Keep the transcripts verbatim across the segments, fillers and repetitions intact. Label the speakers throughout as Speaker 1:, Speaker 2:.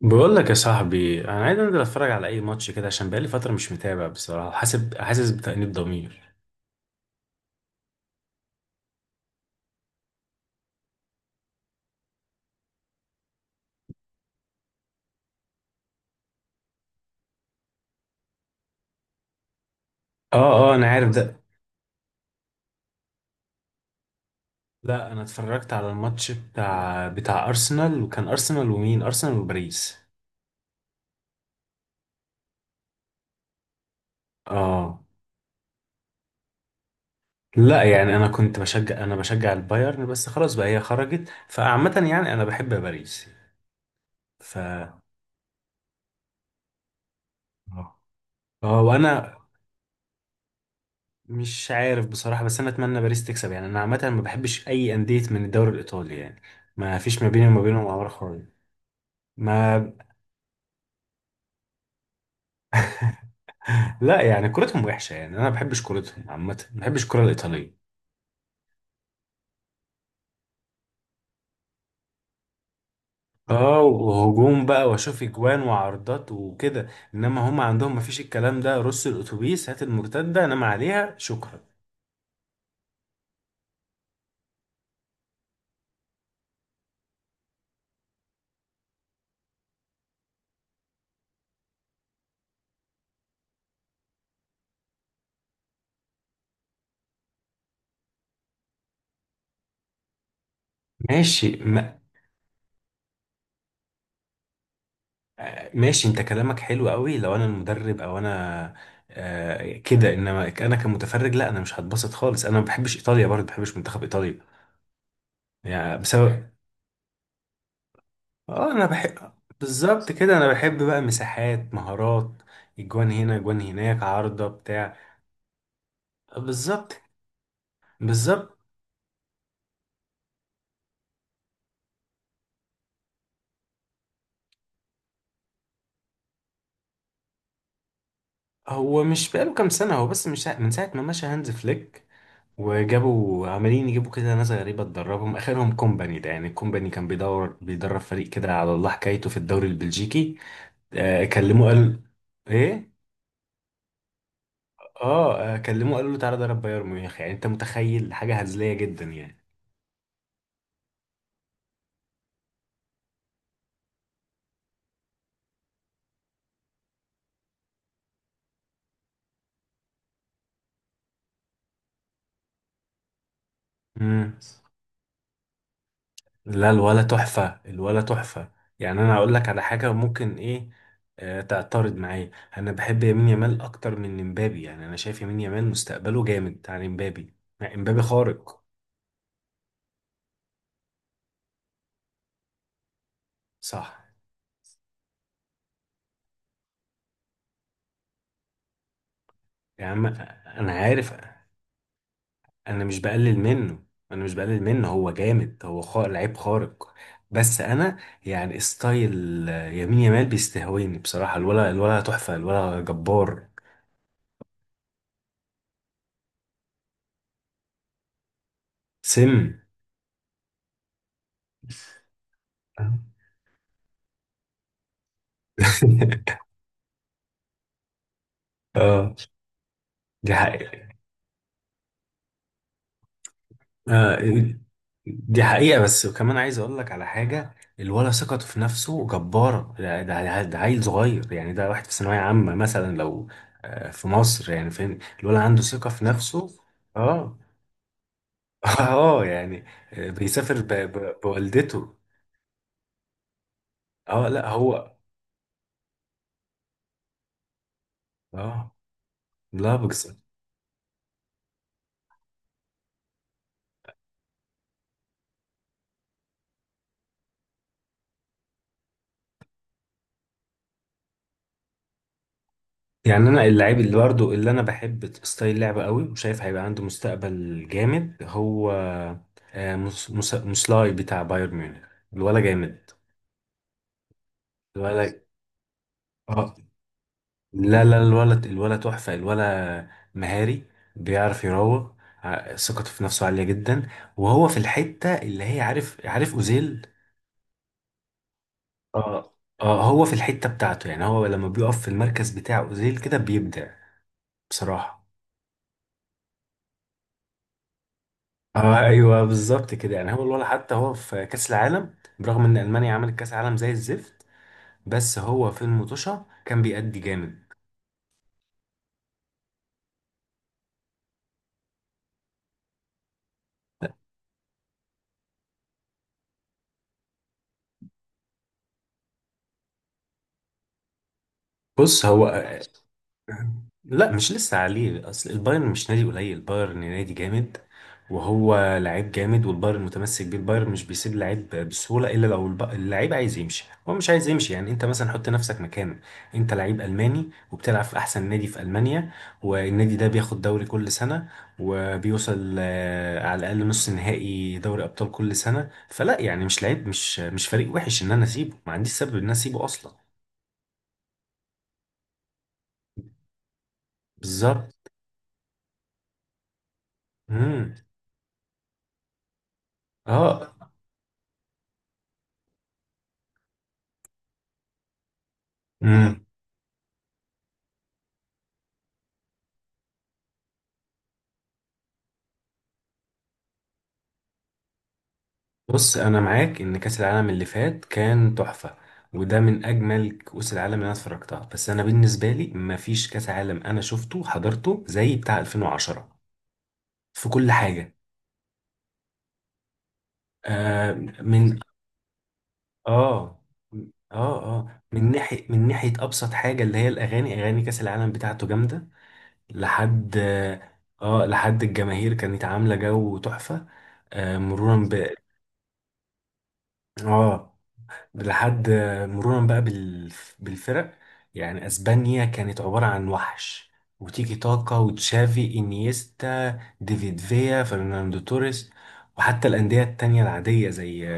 Speaker 1: بقول لك يا صاحبي انا عايز انزل اتفرج على اي ماتش كده، عشان بقالي فتره مش متابع بصراحه. حاسب حاسس بتأنيب ضمير. اه اه انا عارف ده. لا انا اتفرجت على الماتش بتاع بتاع ارسنال، وكان ارسنال ومين؟ ارسنال وباريس. اه لا يعني انا كنت بشجع انا بشجع البايرن، بس خلاص بقى هي خرجت، فعامه يعني انا بحب باريس. ف اه آه، وانا مش عارف بصراحه، بس انا اتمنى باريس تكسب. يعني انا عامه ما بحبش اي انديه من الدوري الايطالي يعني. ما فيش ما بيني وما بينهم عوار خالص. ما لا يعني كورتهم وحشة يعني، أنا ما بحبش كورتهم عامة، ما بحبش الكورة الإيطالية. اه، وهجوم بقى واشوف اجوان وعرضات وكده. انما هم عندهم ما فيش الكلام ده، رص الاتوبيس هات المرتده انام عليها، شكرا. ماشي ما ماشي انت كلامك حلو قوي لو انا المدرب او انا آه كده. انما انا كمتفرج لا، انا مش هتبسط خالص، انا ما بحبش ايطاليا برضه، ما بحبش منتخب ايطاليا. يعني بسبب اه انا بحب، بالظبط كده. انا بحب بقى مساحات، مهارات، اجوان هنا اجوان هناك، عارضة بتاع. بالظبط. بالظبط. هو مش بقاله كام سنة، هو بس مش من ساعة ما مشى هانز فليك وجابوا عمالين يجيبوا كده ناس غريبة تدربهم، آخرهم كومباني ده. يعني الكومباني كان بيدور بيدرب فريق كده على الله حكايته في الدوري البلجيكي، آه كلموه قال ايه اه آه، كلموه قالوا له تعالى درب بايرن ميونخ. يعني انت متخيل حاجة هزلية جدا يعني. امم لا، الولا تحفة، الولا تحفة. يعني أنا أقول لك على حاجة، ممكن إيه آه تعترض معايا؟ أنا بحب يمين يامال أكتر من إمبابي. يعني أنا شايف يمين يامال مستقبله جامد عن إمبابي. مع إمبابي خارق. صح. يا عم أنا عارف، أنا مش بقلل منه. أنا مش بقلل منه، هو جامد، هو خارق، لعيب خارق. بس أنا يعني ستايل آه، يمين يامال بيستهويني بصراحة. الولا، الولا تحفة، الولا جبار. سم. آه دي حقيقة. آه، دي حقيقة، بس وكمان عايز اقول لك على حاجة. الولد ثقته في نفسه جبارة. ده, ده, ده عيل صغير يعني، ده واحد في ثانوية عامة مثلا، لو آه، في مصر يعني فاهم. الولد عنده ثقة في نفسه. اه اه يعني آه، بيسافر ب- ب- بوالدته. اه لا هو اه لا بجس. يعني انا اللعيب اللي برضه اللي انا بحب ستايل لعبه قوي وشايف هيبقى عنده مستقبل جامد هو آه، مس- مس- مسلاي بتاع بايرن ميونخ. الولا جامد، الولا اه لا لا، الولد، الولد تحفة، الولد مهاري، بيعرف يروق. ع- ثقته في نفسه عالية جدا. وهو في الحتة اللي هي، عارف عارف أوزيل؟ اه. اه هو في الحتة بتاعته. يعني هو لما بيقف في المركز بتاع أوزيل كده بيبدع بصراحة. اه ايوه بالظبط كده. يعني هو الولد حتى هو في كأس العالم، برغم ان ألمانيا عملت كأس عالم زي الزفت، بس هو في المطوشة كان بيأدي جامد. بص هو لا مش لسه عليه. اصل البايرن مش نادي قليل، البايرن نادي جامد، وهو لعيب جامد، والبايرن متمسك بيه. البايرن مش بيسيب لعيب بسهوله، الا لو الب- اللعيب عايز يمشي، هو مش عايز يمشي. يعني انت مثلا حط نفسك مكانه، انت لعيب الماني وبتلعب في احسن نادي في المانيا، والنادي ده بياخد دوري كل سنه، وبيوصل آه، على الاقل نص نهائي دوري ابطال كل سنه. فلا يعني، مش لعيب، مش مش فريق وحش ان انا اسيبه. ما عنديش سبب ان انا اسيبه اصلا. بالظبط. امم اه مم. بص انا معاك ان كاس العالم اللي فات كان تحفه، وده من اجمل كؤوس العالم اللي انا اتفرجتها. بس انا بالنسبه لي مفيش كاس عالم انا شفته حضرته زي بتاع ألفين وعشرة في كل حاجه. آه من اه اه اه من ناحيه، من ناحيه ابسط حاجه اللي هي الاغاني. اغاني كاس العالم بتاعته جامده. لحد اه لحد الجماهير كانت عامله جو تحفه. آه مرورا ب، اه لحد، مرورا بقى بال- بالفرق. يعني اسبانيا كانت عباره عن وحش، وتيكي تاكا وتشافي انيستا ديفيد فيا فرناندو توريس. وحتى الانديه التانية العاديه زي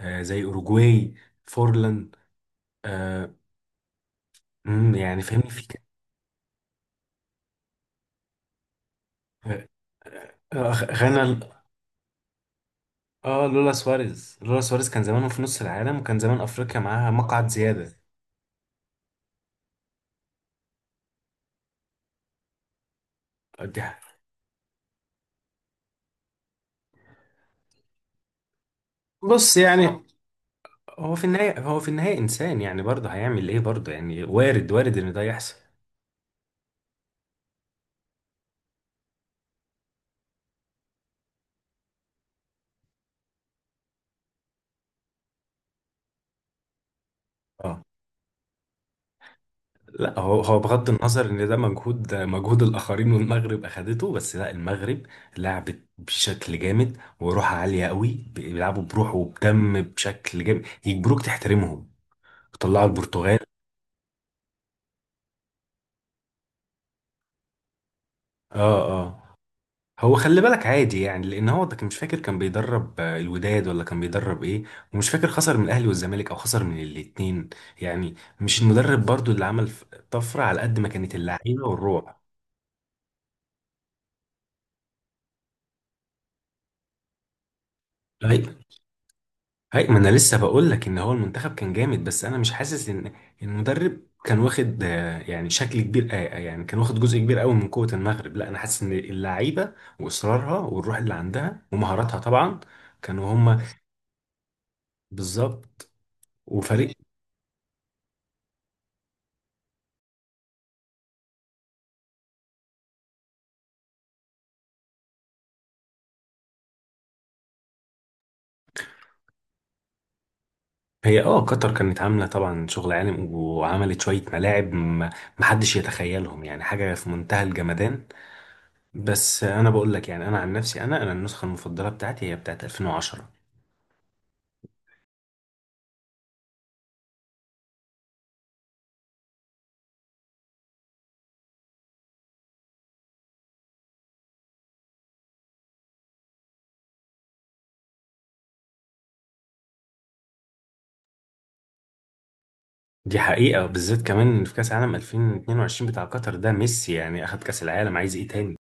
Speaker 1: آه، زي اوروجواي، فورلان آه، مم، يعني فاهمني في آه، غانا. اه لولا سواريز، لولا سواريز كان زمانه في نص العالم، وكان زمان افريقيا معاها مقعد زياده. دي حاجة. بص يعني، هو في النهاية، هو في النهاية إنسان يعني، برضه هيعمل إيه برضه يعني. وارد، وارد إن ده يحصل. اه لا هو، هو بغض النظر إن ده مجهود، مجهود الآخرين والمغرب أخدته. بس لا، المغرب لعبت بشكل جامد وروح عالية قوي، بيلعبوا بروح وبدم بشكل جامد يجبروك تحترمهم، طلعوا البرتغال. اه اه. هو خلي بالك عادي يعني، لان هو ده كان- مش فاكر كان بيدرب آه، الوداد ولا كان بيدرب ايه، ومش فاكر خسر من الاهلي والزمالك او خسر من الاتنين. يعني مش المدرب برضو اللي عمل ف- طفرة، على قد ما كانت اللعيبة والروح. هي هي ما انا لسه بقول لك ان هو المنتخب كان جامد، بس انا مش حاسس ان المدرب كان واخد آه، يعني شكل كبير آه، آه، يعني كان واخد جزء كبير قوي من قوة المغرب. لا انا حاسس ان اللعيبة واصرارها والروح اللي عندها ومهاراتها طبعا كانوا هما. بالظبط. وفريق هي اه قطر كانت عاملة طبعا شغل عالم، وعملت شوية ملاعب م- محدش يتخيلهم يعني، حاجة في منتهى الجمدان. بس انا بقول لك يعني، انا عن نفسي انا انا النسخة المفضلة بتاعتي هي بتاعت ألفين وعشرة. دي حقيقة، بالذات كمان إن في كأس عالم ألفين واثنين وعشرين بتاع قطر ده ميسي يعني اخد كأس العالم، عايز ايه تاني؟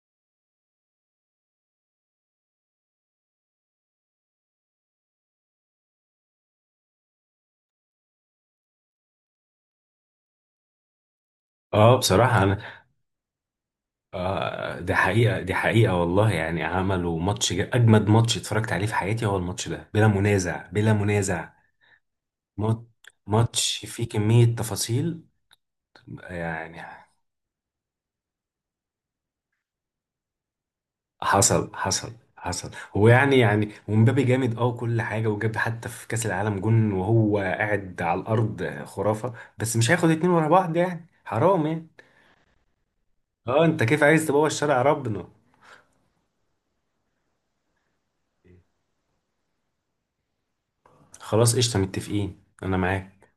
Speaker 1: اه بصراحة انا آه دي حقيقة، دي حقيقة والله. يعني عملوا ماتش ج- اجمد ماتش اتفرجت عليه في حياتي هو الماتش ده، بلا منازع، بلا منازع. مات- ماتش فيه كمية تفاصيل يعني. حصل، حصل، حصل. هو يعني يعني ومبابي جامد اه كل حاجه، وجاب حتى في كاس العالم جون وهو قاعد على الارض، خرافه. بس مش هياخد اتنين ورا بعض يعني، حرام يعني. اه انت كيف عايز تبوظ شرع ربنا؟ خلاص قشطه، متفقين، انا معاك.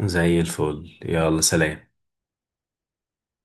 Speaker 1: زي الفل، يلا سلام.